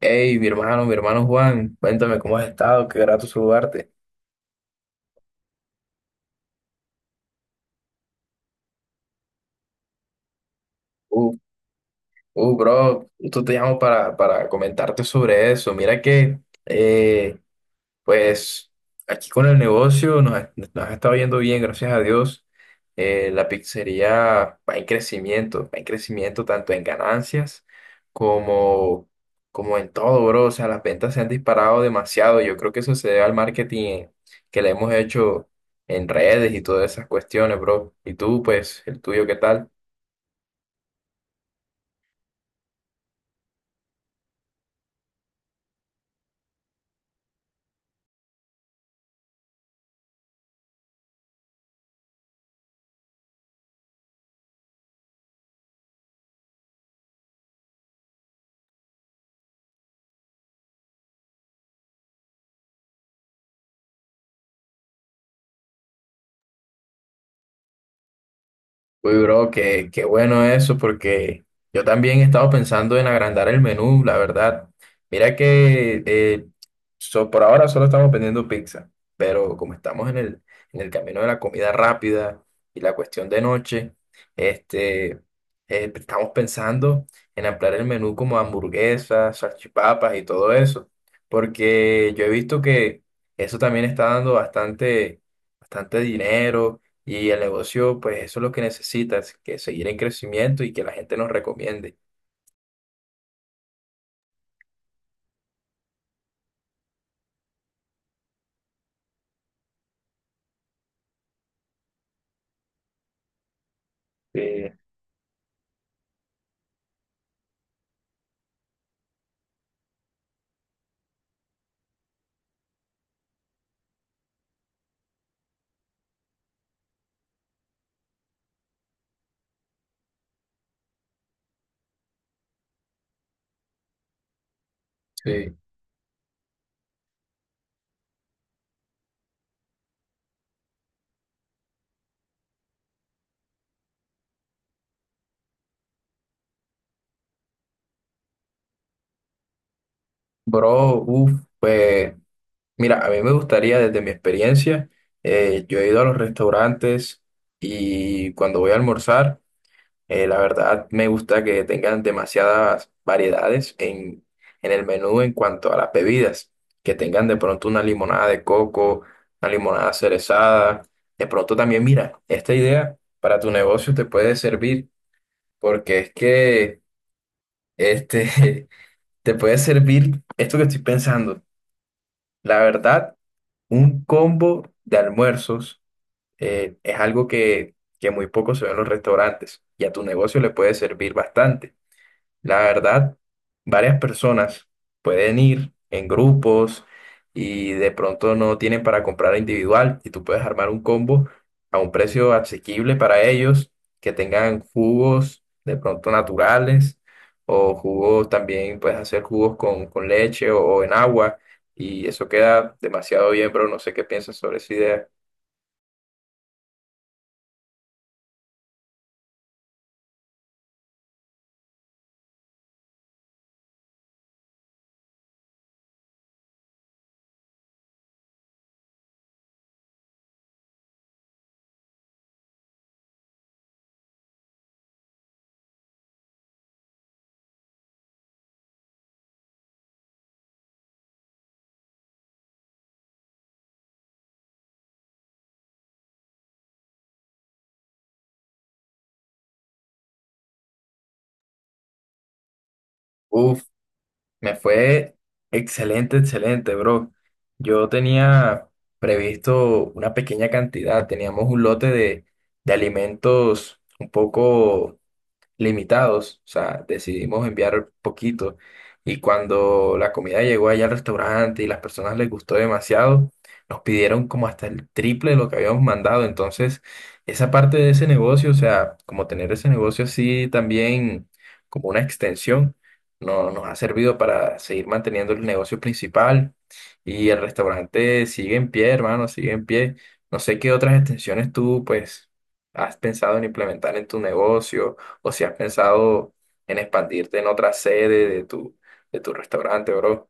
Hey, mi hermano Juan, cuéntame cómo has estado, qué grato saludarte. Uh, bro, tú te llamo para comentarte sobre eso. Mira que eh, Pues aquí con el negocio nos ha estado yendo bien, gracias a Dios. La pizzería va en crecimiento tanto en ganancias como, como en todo, bro. O sea, las ventas se han disparado demasiado. Yo creo que eso se debe al marketing que le hemos hecho en redes y todas esas cuestiones, bro. Y tú, pues, el tuyo, ¿qué tal? Uy, bro, qué bueno eso, porque yo también he estado pensando en agrandar el menú, la verdad. Mira que por ahora solo estamos vendiendo pizza, pero como estamos en el camino de la comida rápida y la cuestión de noche, este, eh, estamos pensando en ampliar el menú como hamburguesas, salchipapas y todo eso, porque yo he visto que eso también está dando bastante, bastante dinero y el negocio, pues eso es lo que necesitas, que seguir en crecimiento y que la gente nos recomiende. Sí, sí. Bro, uff, pues mira, a mí me gustaría desde mi experiencia. Yo he ido a los restaurantes y cuando voy a almorzar, la verdad, me gusta que tengan demasiadas variedades en el menú en cuanto a las bebidas, que tengan de pronto una limonada de coco, una limonada cerezada. De pronto también, mira, esta idea para tu negocio te puede servir, porque es que este, te puede servir esto que estoy pensando. La verdad, un combo de almuerzos es algo que muy poco se ve en los restaurantes y a tu negocio le puede servir bastante. La verdad, varias personas pueden ir en grupos y de pronto no tienen para comprar individual y tú puedes armar un combo a un precio asequible para ellos, que tengan jugos de pronto naturales o jugos también, puedes hacer jugos con leche o en agua y eso queda demasiado bien, pero no sé qué piensas sobre esa idea. Uf, me fue excelente, excelente, bro. Yo tenía previsto una pequeña cantidad, teníamos un lote de alimentos un poco limitados, o sea, decidimos enviar poquito. Y cuando la comida llegó allá al restaurante y las personas les gustó demasiado, nos pidieron como hasta el triple de lo que habíamos mandado. Entonces, esa parte de ese negocio, o sea, como tener ese negocio así también como una extensión, no, nos ha servido para seguir manteniendo el negocio principal y el restaurante sigue en pie, hermano, sigue en pie. No sé qué otras extensiones tú, pues, has pensado en implementar en tu negocio o si has pensado en expandirte en otra sede de de tu restaurante, bro.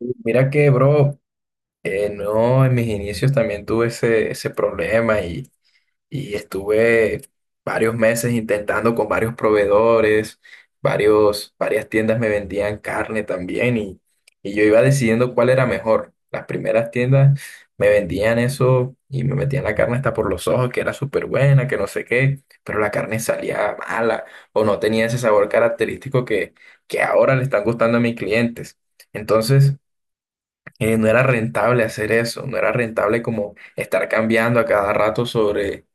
Mira que, bro, no, en mis inicios también tuve ese problema y estuve varios meses intentando con varios proveedores, varias tiendas me vendían carne también y yo iba decidiendo cuál era mejor. Las primeras tiendas me vendían eso y me metían la carne hasta por los ojos, que era súper buena, que no sé qué, pero la carne salía mala o no tenía ese sabor característico que ahora le están gustando a mis clientes. Entonces, no era rentable hacer eso, no era rentable como estar cambiando a cada rato sobre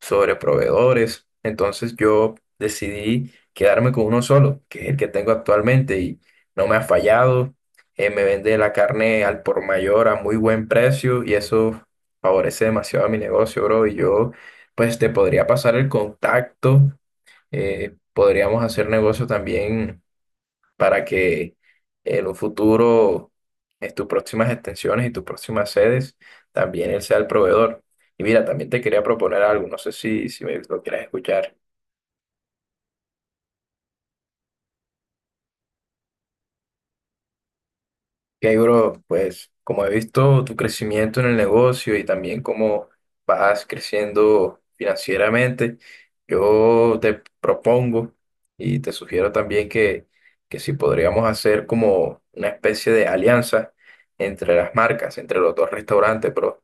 sobre proveedores. Entonces yo decidí quedarme con uno solo, que es el que tengo actualmente y no me ha fallado. Me vende la carne al por mayor a muy buen precio y eso favorece demasiado a mi negocio, bro. Y yo, pues te podría pasar el contacto. Podríamos hacer negocio también para que en un futuro, en tus próximas extensiones y tus próximas sedes, también él sea el proveedor. Y mira, también te quería proponer algo, no sé si me lo quieras escuchar. Que bro, pues como he visto tu crecimiento en el negocio y también cómo vas creciendo financieramente, yo te propongo y te sugiero también que si podríamos hacer como una especie de alianza entre las marcas, entre los dos restaurantes, bro.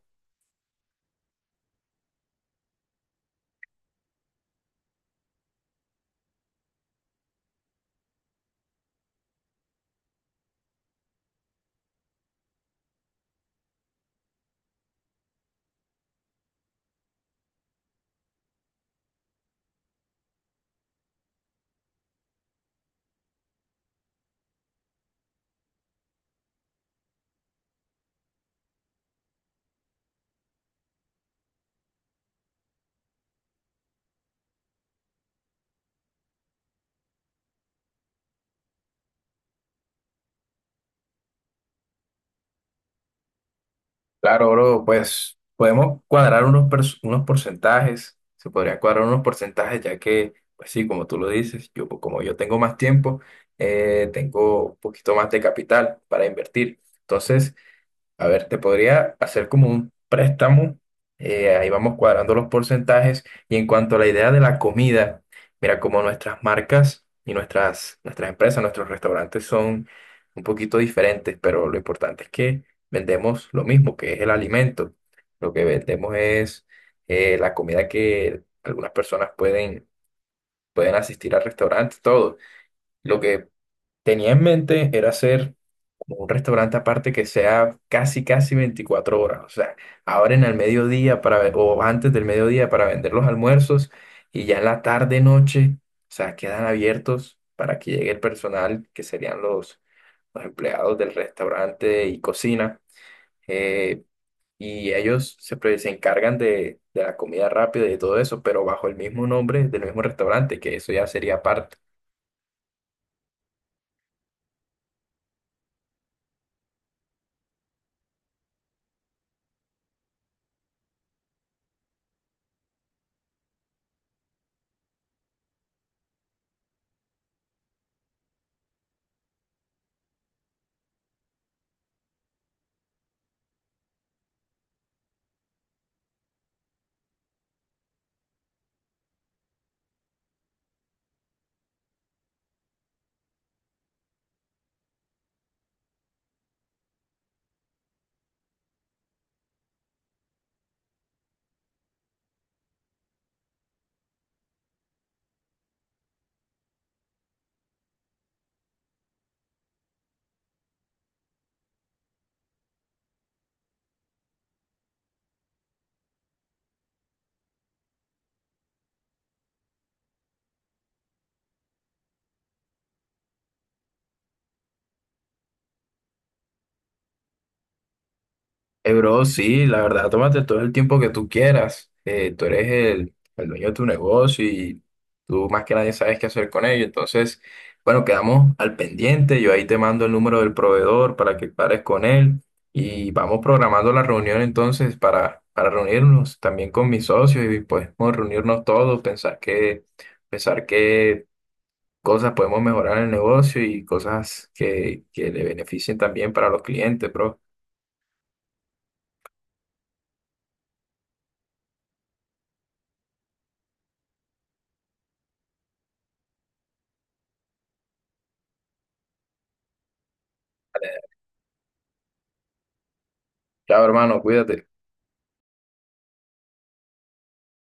Claro, bro, pues podemos cuadrar unos, pers- unos porcentajes, se podría cuadrar unos porcentajes ya que, pues sí, como tú lo dices, yo como yo tengo más tiempo, tengo un poquito más de capital para invertir. Entonces, a ver, te podría hacer como un préstamo. Ahí vamos cuadrando los porcentajes. Y en cuanto a la idea de la comida, mira, como nuestras marcas y nuestras empresas, nuestros restaurantes son un poquito diferentes, pero lo importante es que vendemos lo mismo, que es el alimento. Lo que vendemos es la comida que algunas personas pueden asistir al restaurante, todo. Lo que tenía en mente era hacer como un restaurante aparte que sea casi, casi 24 horas. O sea, abren al mediodía para, ve- o antes del mediodía para vender los almuerzos y ya en la tarde, noche, o sea, quedan abiertos para que llegue el personal, que serían los empleados del restaurante y cocina. eh, y ellos se, pre- se encargan de la comida rápida y de todo eso, pero bajo el mismo nombre del mismo restaurante, que eso ya sería parte. Bro, sí, la verdad, tómate todo el tiempo que tú quieras. Tú eres el dueño de tu negocio y tú más que nadie sabes qué hacer con ello. Entonces, bueno, quedamos al pendiente. Yo ahí te mando el número del proveedor para que pares con él y vamos programando la reunión entonces para reunirnos también con mis socios y pues podemos reunirnos todos, pensar pensar qué cosas podemos mejorar en el negocio y cosas que le beneficien también para los clientes, bro. Chao, hermano, cuídate.